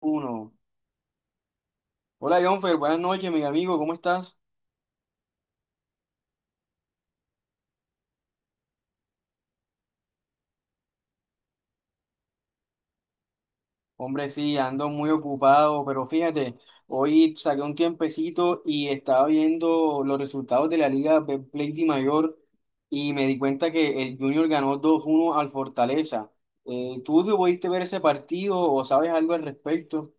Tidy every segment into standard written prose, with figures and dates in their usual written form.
Uno. Hola, Jonfer, buenas noches, mi amigo, ¿cómo estás? Hombre, sí, ando muy ocupado, pero fíjate, hoy saqué un tiempecito y estaba viendo los resultados de la Liga de Play Di Mayor y me di cuenta que el Junior ganó 2-1 al Fortaleza. ¿Tú te pudiste ver ese partido o sabes algo al respecto?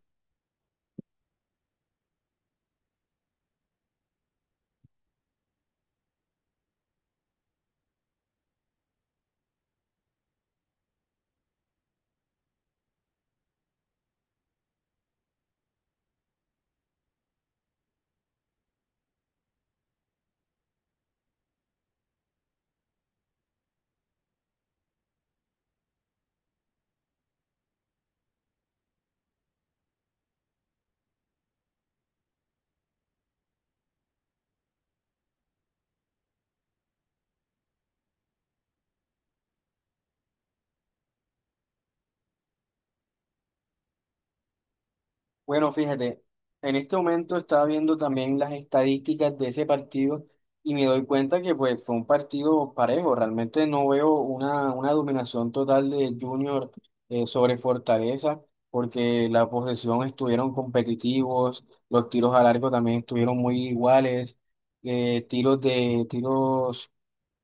Bueno, fíjate, en este momento estaba viendo también las estadísticas de ese partido y me doy cuenta que pues fue un partido parejo. Realmente no veo una dominación total de Junior sobre Fortaleza, porque la posesión estuvieron competitivos, los tiros al arco también estuvieron muy iguales, tiros de tiros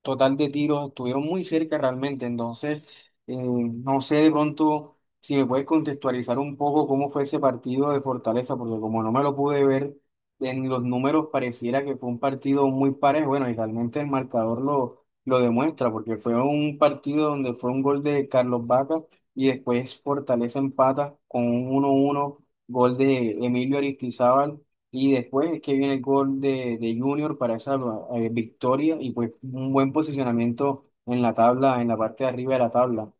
total de tiros, estuvieron muy cerca realmente. Entonces, no sé de pronto si me puedes contextualizar un poco cómo fue ese partido de Fortaleza, porque como no me lo pude ver, en los números pareciera que fue un partido muy parejo. Bueno, y realmente el marcador lo demuestra, porque fue un partido donde fue un gol de Carlos Vaca y después Fortaleza empata con un uno uno, gol de Emilio Aristizábal, y después es que viene el gol de Junior para esa victoria y pues un buen posicionamiento en la tabla, en la parte de arriba de la tabla.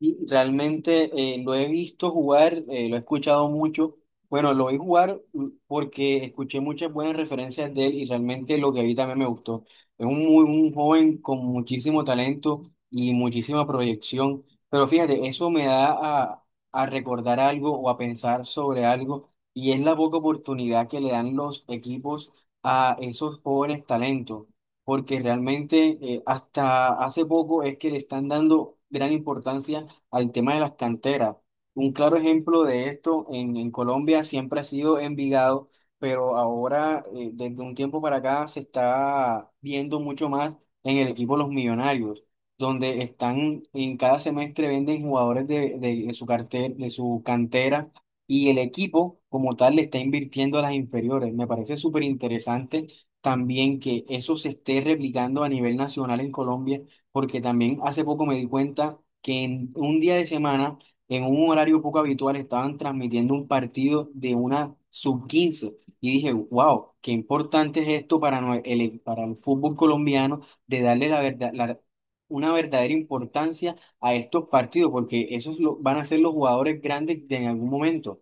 Y realmente lo he visto jugar, lo he escuchado mucho. Bueno, lo vi jugar porque escuché muchas buenas referencias de él y realmente lo que vi también me gustó. Es un, muy, un joven con muchísimo talento y muchísima proyección. Pero fíjate, eso me da a, a recordar algo o a pensar sobre algo, y es la poca oportunidad que le dan los equipos a esos jóvenes talentos, porque realmente hasta hace poco es que le están dando gran importancia al tema de las canteras. Un claro ejemplo de esto en Colombia siempre ha sido Envigado, pero ahora desde un tiempo para acá se está viendo mucho más en el equipo Los Millonarios, donde están en cada semestre venden jugadores de, de su cartel, de su cantera, y el equipo como tal le está invirtiendo a las inferiores. Me parece súper interesante también que eso se esté replicando a nivel nacional en Colombia, porque también hace poco me di cuenta que en un día de semana, en un horario poco habitual, estaban transmitiendo un partido de una sub quince y dije, wow, qué importante es esto para, para el fútbol colombiano, de darle la verdad, una verdadera importancia a estos partidos, porque van a ser los jugadores grandes de en algún momento.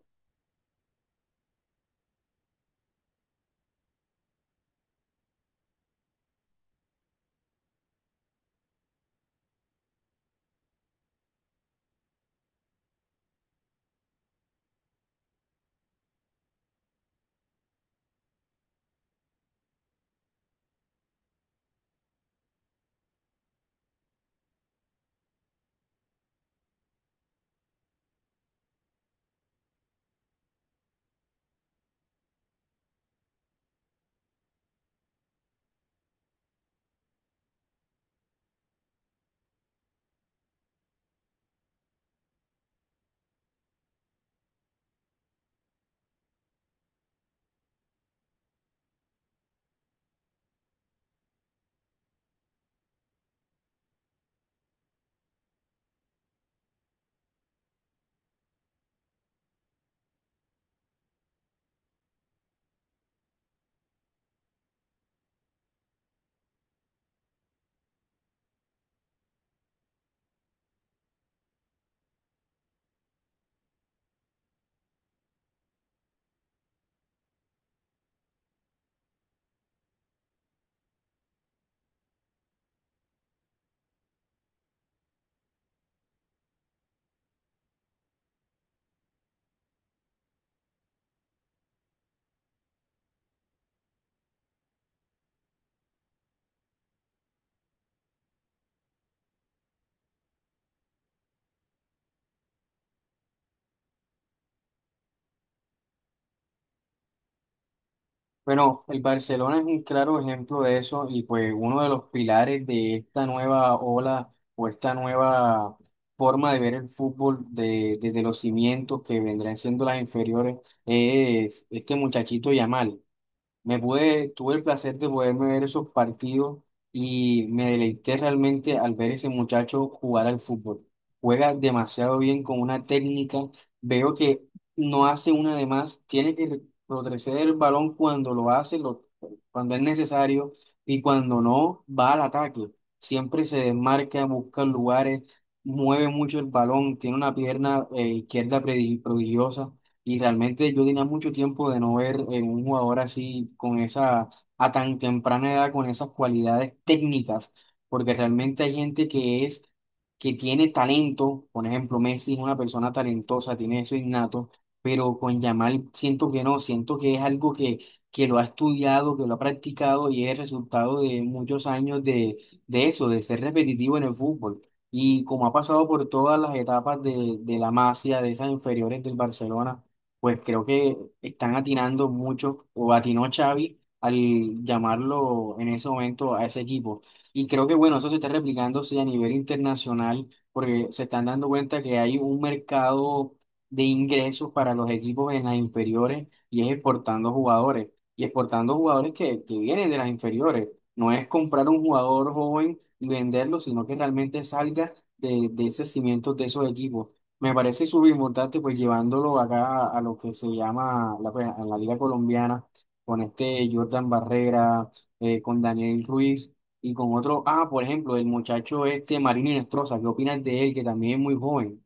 Bueno, el Barcelona es un claro ejemplo de eso, y pues uno de los pilares de esta nueva ola o esta nueva forma de ver el fútbol de, desde los cimientos que vendrán siendo las inferiores, es este muchachito Yamal. Tuve el placer de poderme ver esos partidos y me deleité realmente al ver ese muchacho jugar al fútbol. Juega demasiado bien, con una técnica. Veo que no hace una de más. Tiene que retroceder el balón cuando lo hace, cuando es necesario, y cuando no, va al ataque. Siempre se desmarca, busca lugares, mueve mucho el balón, tiene una pierna izquierda prodigiosa. Y realmente yo tenía mucho tiempo de no ver un jugador así, con esa, a tan temprana edad, con esas cualidades técnicas, porque realmente hay gente que es, que tiene talento. Por ejemplo, Messi es una persona talentosa, tiene eso innato, pero con Yamal siento que no, siento que es algo que lo ha estudiado, que lo ha practicado, y es el resultado de muchos años de eso, de ser repetitivo en el fútbol. Y como ha pasado por todas las etapas de la Masia, de esas inferiores del Barcelona, pues creo que están atinando mucho, o atinó Xavi al llamarlo en ese momento a ese equipo. Y creo que bueno, eso se está replicando sí, a nivel internacional, porque se están dando cuenta que hay un mercado de ingresos para los equipos en las inferiores, y es exportando jugadores. Y exportando jugadores que vienen de las inferiores. No es comprar un jugador joven y venderlo, sino que realmente salga de ese cimiento de esos equipos. Me parece súper importante, pues llevándolo acá a lo que se llama la, pues, a la Liga Colombiana, con este Jordan Barrera, con Daniel Ruiz, y con otro, ah, por ejemplo, el muchacho este Marino Inestrosa. ¿Qué opinas de él? Que también es muy joven.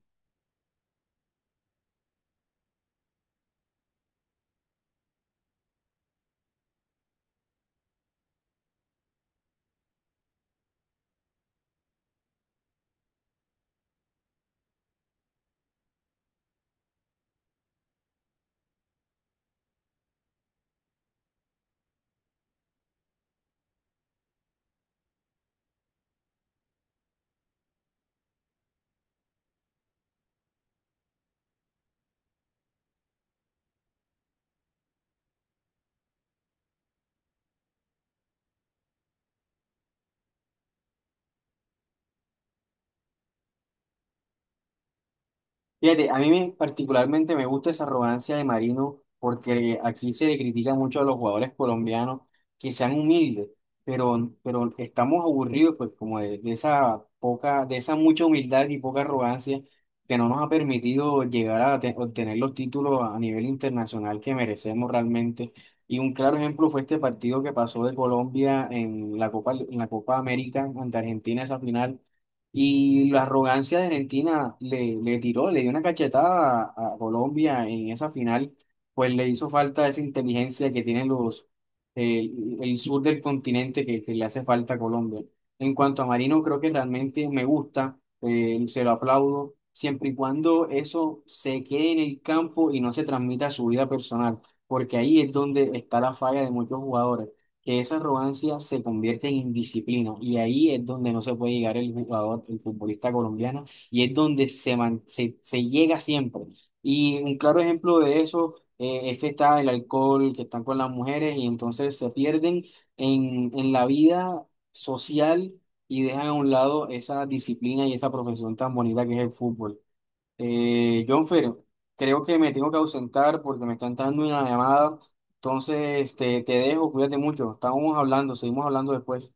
Fíjate, a mí particularmente me gusta esa arrogancia de Marino, porque aquí se le critica mucho a los jugadores colombianos que sean humildes, pero estamos aburridos pues como de esa poca, de esa mucha humildad y poca arrogancia que no nos ha permitido llegar a obtener los títulos a nivel internacional que merecemos realmente. Y un claro ejemplo fue este partido que pasó de Colombia en la Copa América ante Argentina, esa final, y la arrogancia de Argentina le, le tiró, le dio una cachetada a Colombia en esa final. Pues le hizo falta esa inteligencia que tienen los eh, el sur del continente, que le hace falta a Colombia. En cuanto a Marino, creo que realmente me gusta, se lo aplaudo, siempre y cuando eso se quede en el campo y no se transmita a su vida personal, porque ahí es donde está la falla de muchos jugadores, que esa arrogancia se convierte en indisciplina, y ahí es donde no se puede llegar el jugador, el futbolista colombiano, y es donde se, se llega siempre. Y un claro ejemplo de eso es que está el alcohol, que están con las mujeres, y entonces se pierden en la vida social y dejan a un lado esa disciplina y esa profesión tan bonita que es el fútbol. Jonfer, creo que me tengo que ausentar porque me está entrando una llamada. Entonces, te dejo, cuídate mucho. Estamos hablando, seguimos hablando después.